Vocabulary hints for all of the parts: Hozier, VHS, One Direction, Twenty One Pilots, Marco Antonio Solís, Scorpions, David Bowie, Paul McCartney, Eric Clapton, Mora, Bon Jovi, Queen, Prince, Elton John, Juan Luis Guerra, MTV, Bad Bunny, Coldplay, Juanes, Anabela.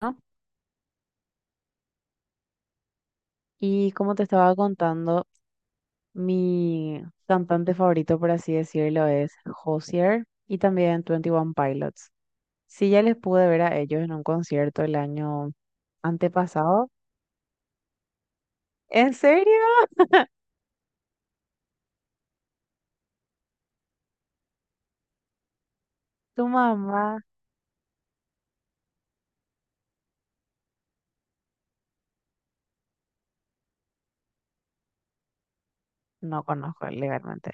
¿No? Y como te estaba contando, mi cantante favorito, por así decirlo, es Hozier y también Twenty One Pilots. Sí, ya les pude ver a ellos en un concierto el año antepasado. ¿En serio? ¿Tu mamá? No conozco legalmente.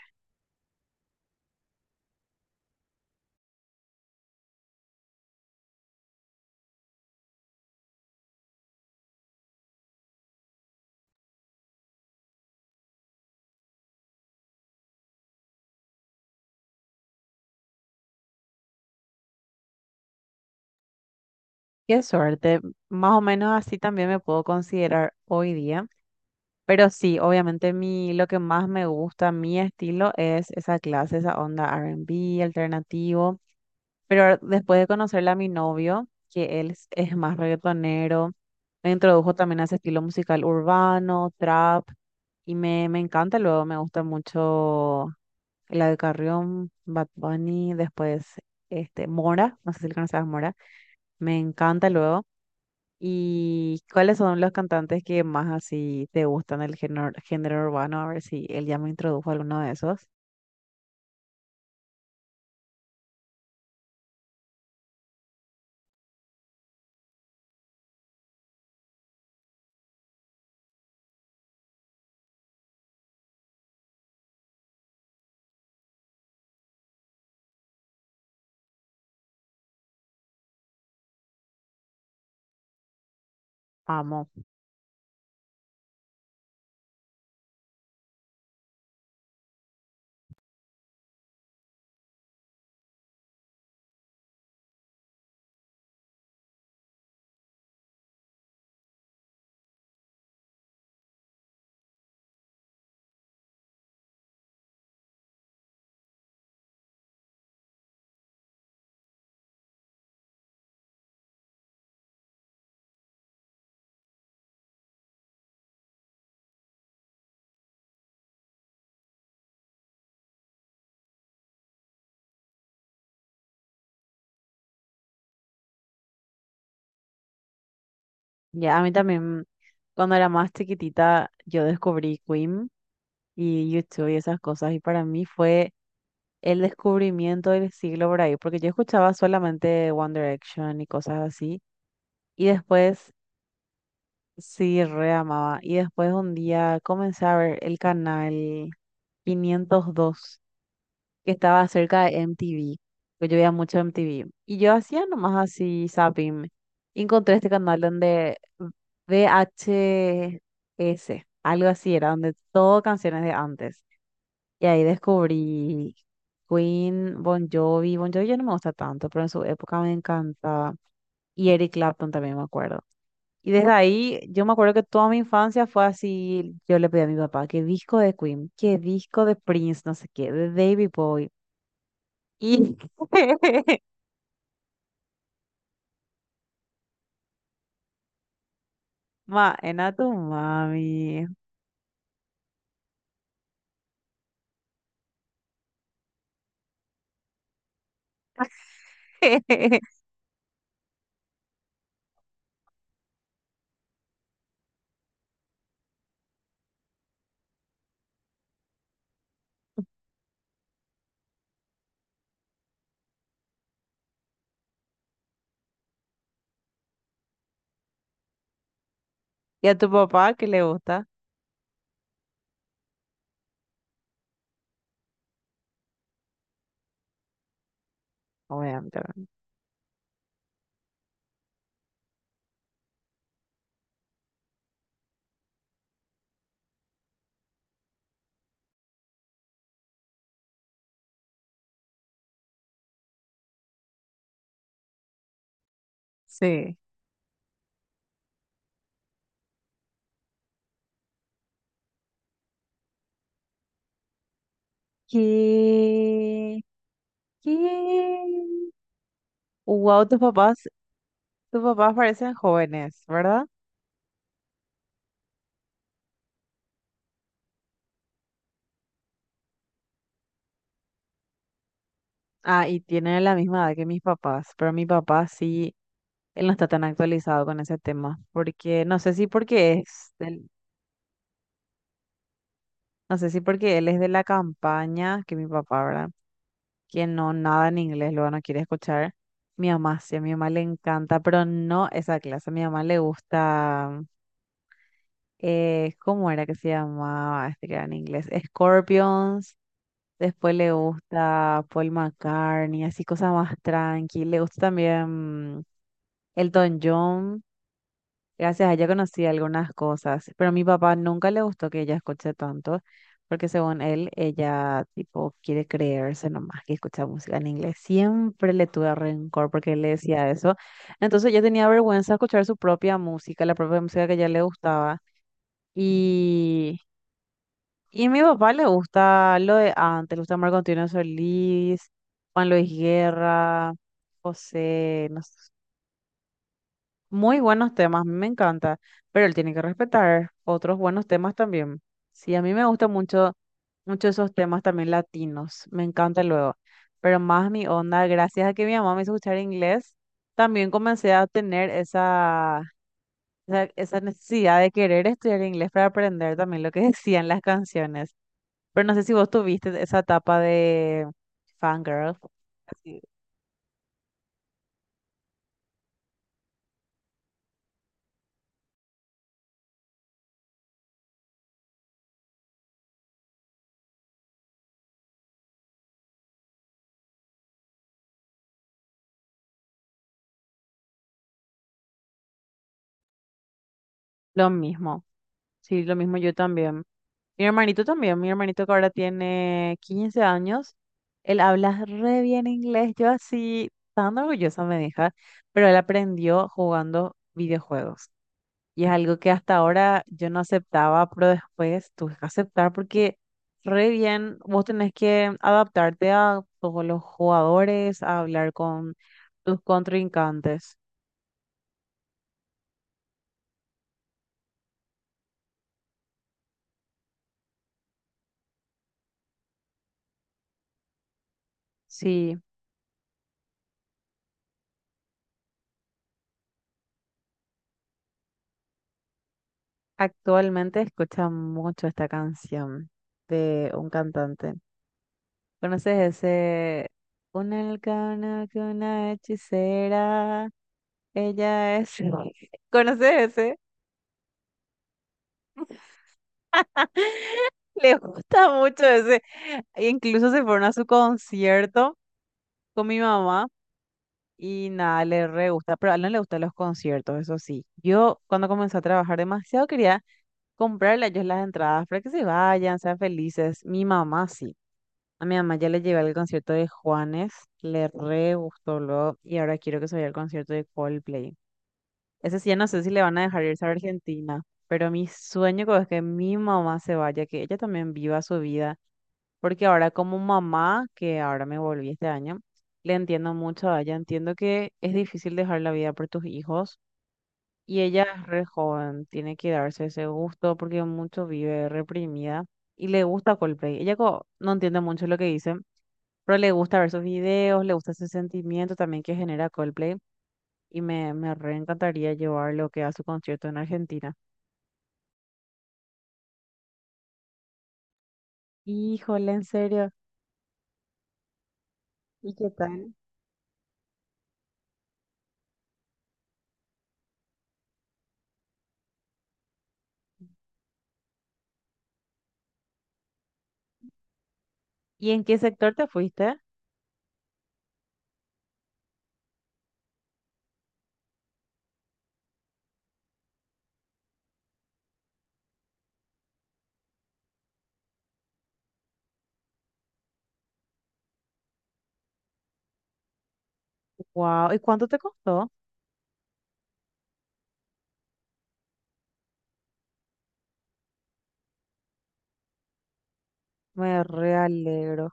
Qué suerte. Más o menos así también me puedo considerar hoy día. Pero sí, obviamente lo que más me gusta, mi estilo, es esa clase, esa onda R&B alternativo. Pero después de conocerle a mi novio, que es más reggaetonero, me introdujo también a ese estilo musical urbano, trap, y me encanta. Luego me gusta mucho la de Carrión, Bad Bunny, después este, Mora, no sé si le conoces a Mora, me encanta luego. ¿Y cuáles son los cantantes que más así te gustan del género, género urbano? A ver si él ya me introdujo a alguno de esos. Amo. Ya, a mí también, cuando era más chiquitita, yo descubrí Queen y YouTube y esas cosas. Y para mí fue el descubrimiento del siglo por ahí, porque yo escuchaba solamente One Direction y cosas así. Y después sí, re amaba. Y después un día comencé a ver el canal 502, que estaba cerca de MTV, que yo veía mucho MTV. Y yo hacía nomás así zapping. Y encontré este canal donde VHS, algo así era, donde todo canciones de antes. Y ahí descubrí Queen, Bon Jovi. Bon Jovi ya no me gusta tanto, pero en su época me encantaba. Y Eric Clapton también me acuerdo. Y desde ahí, yo me acuerdo que toda mi infancia fue así. Yo le pedí a mi papá, qué disco de Queen, qué disco de Prince, no sé qué, de David Bowie. Y, ma, en a tu mami. Y a tu papá, ¿qué le gusta? Obviamente. ¿Verdad? Sí. ¿Qué? ¿Qué? Wow, tus papás parecen jóvenes, ¿verdad? Ah, y tienen la misma edad que mis papás, pero mi papá sí, él no está tan actualizado con ese tema, porque no sé si porque él es de la campaña que mi papá, ¿verdad? Que no nada en inglés, luego no quiere escuchar. Mi mamá sí, a mi mamá le encanta, pero no esa clase, a mi mamá le gusta ¿cómo era que se llamaba este que era en inglés? Scorpions. Después le gusta Paul McCartney, así cosas más tranqui. Le gusta también Elton John. Gracias a ella conocí algunas cosas, pero a mi papá nunca le gustó que ella escuche tanto, porque según él, ella tipo quiere creerse nomás que escucha música en inglés. Siempre le tuve rencor porque él le decía eso. Entonces yo tenía vergüenza de escuchar su propia música, la propia música que a ella le gustaba. y y a mi papá le gusta lo de antes, le gusta Marco Antonio Solís, Juan Luis Guerra, José, no sé, muy buenos temas, me encanta, pero él tiene que respetar otros buenos temas también. Sí, a mí me gustan mucho, mucho esos temas también latinos, me encanta luego, pero más mi onda, gracias a que mi mamá me hizo escuchar inglés, también comencé a tener esa necesidad de querer estudiar inglés para aprender también lo que decían las canciones. Pero no sé si vos tuviste esa etapa de fangirl. Así, lo mismo, sí, lo mismo yo también. Mi hermanito también, mi hermanito que ahora tiene 15 años, él habla re bien inglés, yo así, tan orgullosa me deja, pero él aprendió jugando videojuegos. Y es algo que hasta ahora yo no aceptaba, pero después tuve que aceptar porque re bien, vos tenés que adaptarte a todos los jugadores, a hablar con tus contrincantes. Sí, actualmente escucha mucho esta canción de un cantante. ¿Conoces ese? Una alcana que una hechicera, ella es... ¿Conoces ese? Les gusta mucho ese. Incluso se fueron a su concierto con mi mamá y nada, le re gusta, pero a él no le gustan los conciertos, eso sí. Yo cuando comencé a trabajar demasiado quería comprarle a ellos las entradas para que se vayan, sean felices. Mi mamá sí. A mi mamá ya le llevé al concierto de Juanes, le re gustó luego y ahora quiero que se vaya al concierto de Coldplay. Ese sí, ya no sé si le van a dejar irse a Argentina, pero mi sueño es que mi mamá se vaya, que ella también viva su vida porque ahora como mamá, que ahora me volví este año, le entiendo mucho a ella. Entiendo que es difícil dejar la vida por tus hijos y ella es re joven, tiene que darse ese gusto porque mucho vive reprimida y le gusta Coldplay. No entiende mucho lo que dice, pero le gusta ver sus videos, le gusta ese sentimiento también que genera Coldplay y me re encantaría llevarlo que a su concierto en Argentina. Híjole, ¿en serio? ¿Y qué tal? ¿Y en qué sector te fuiste? Wow, ¿y cuánto te costó? Me realegro.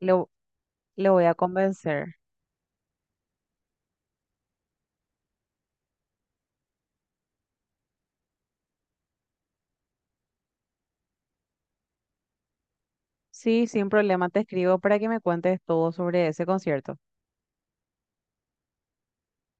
Le, vo- Le voy a convencer. Sí, sin problema, te escribo para que me cuentes todo sobre ese concierto.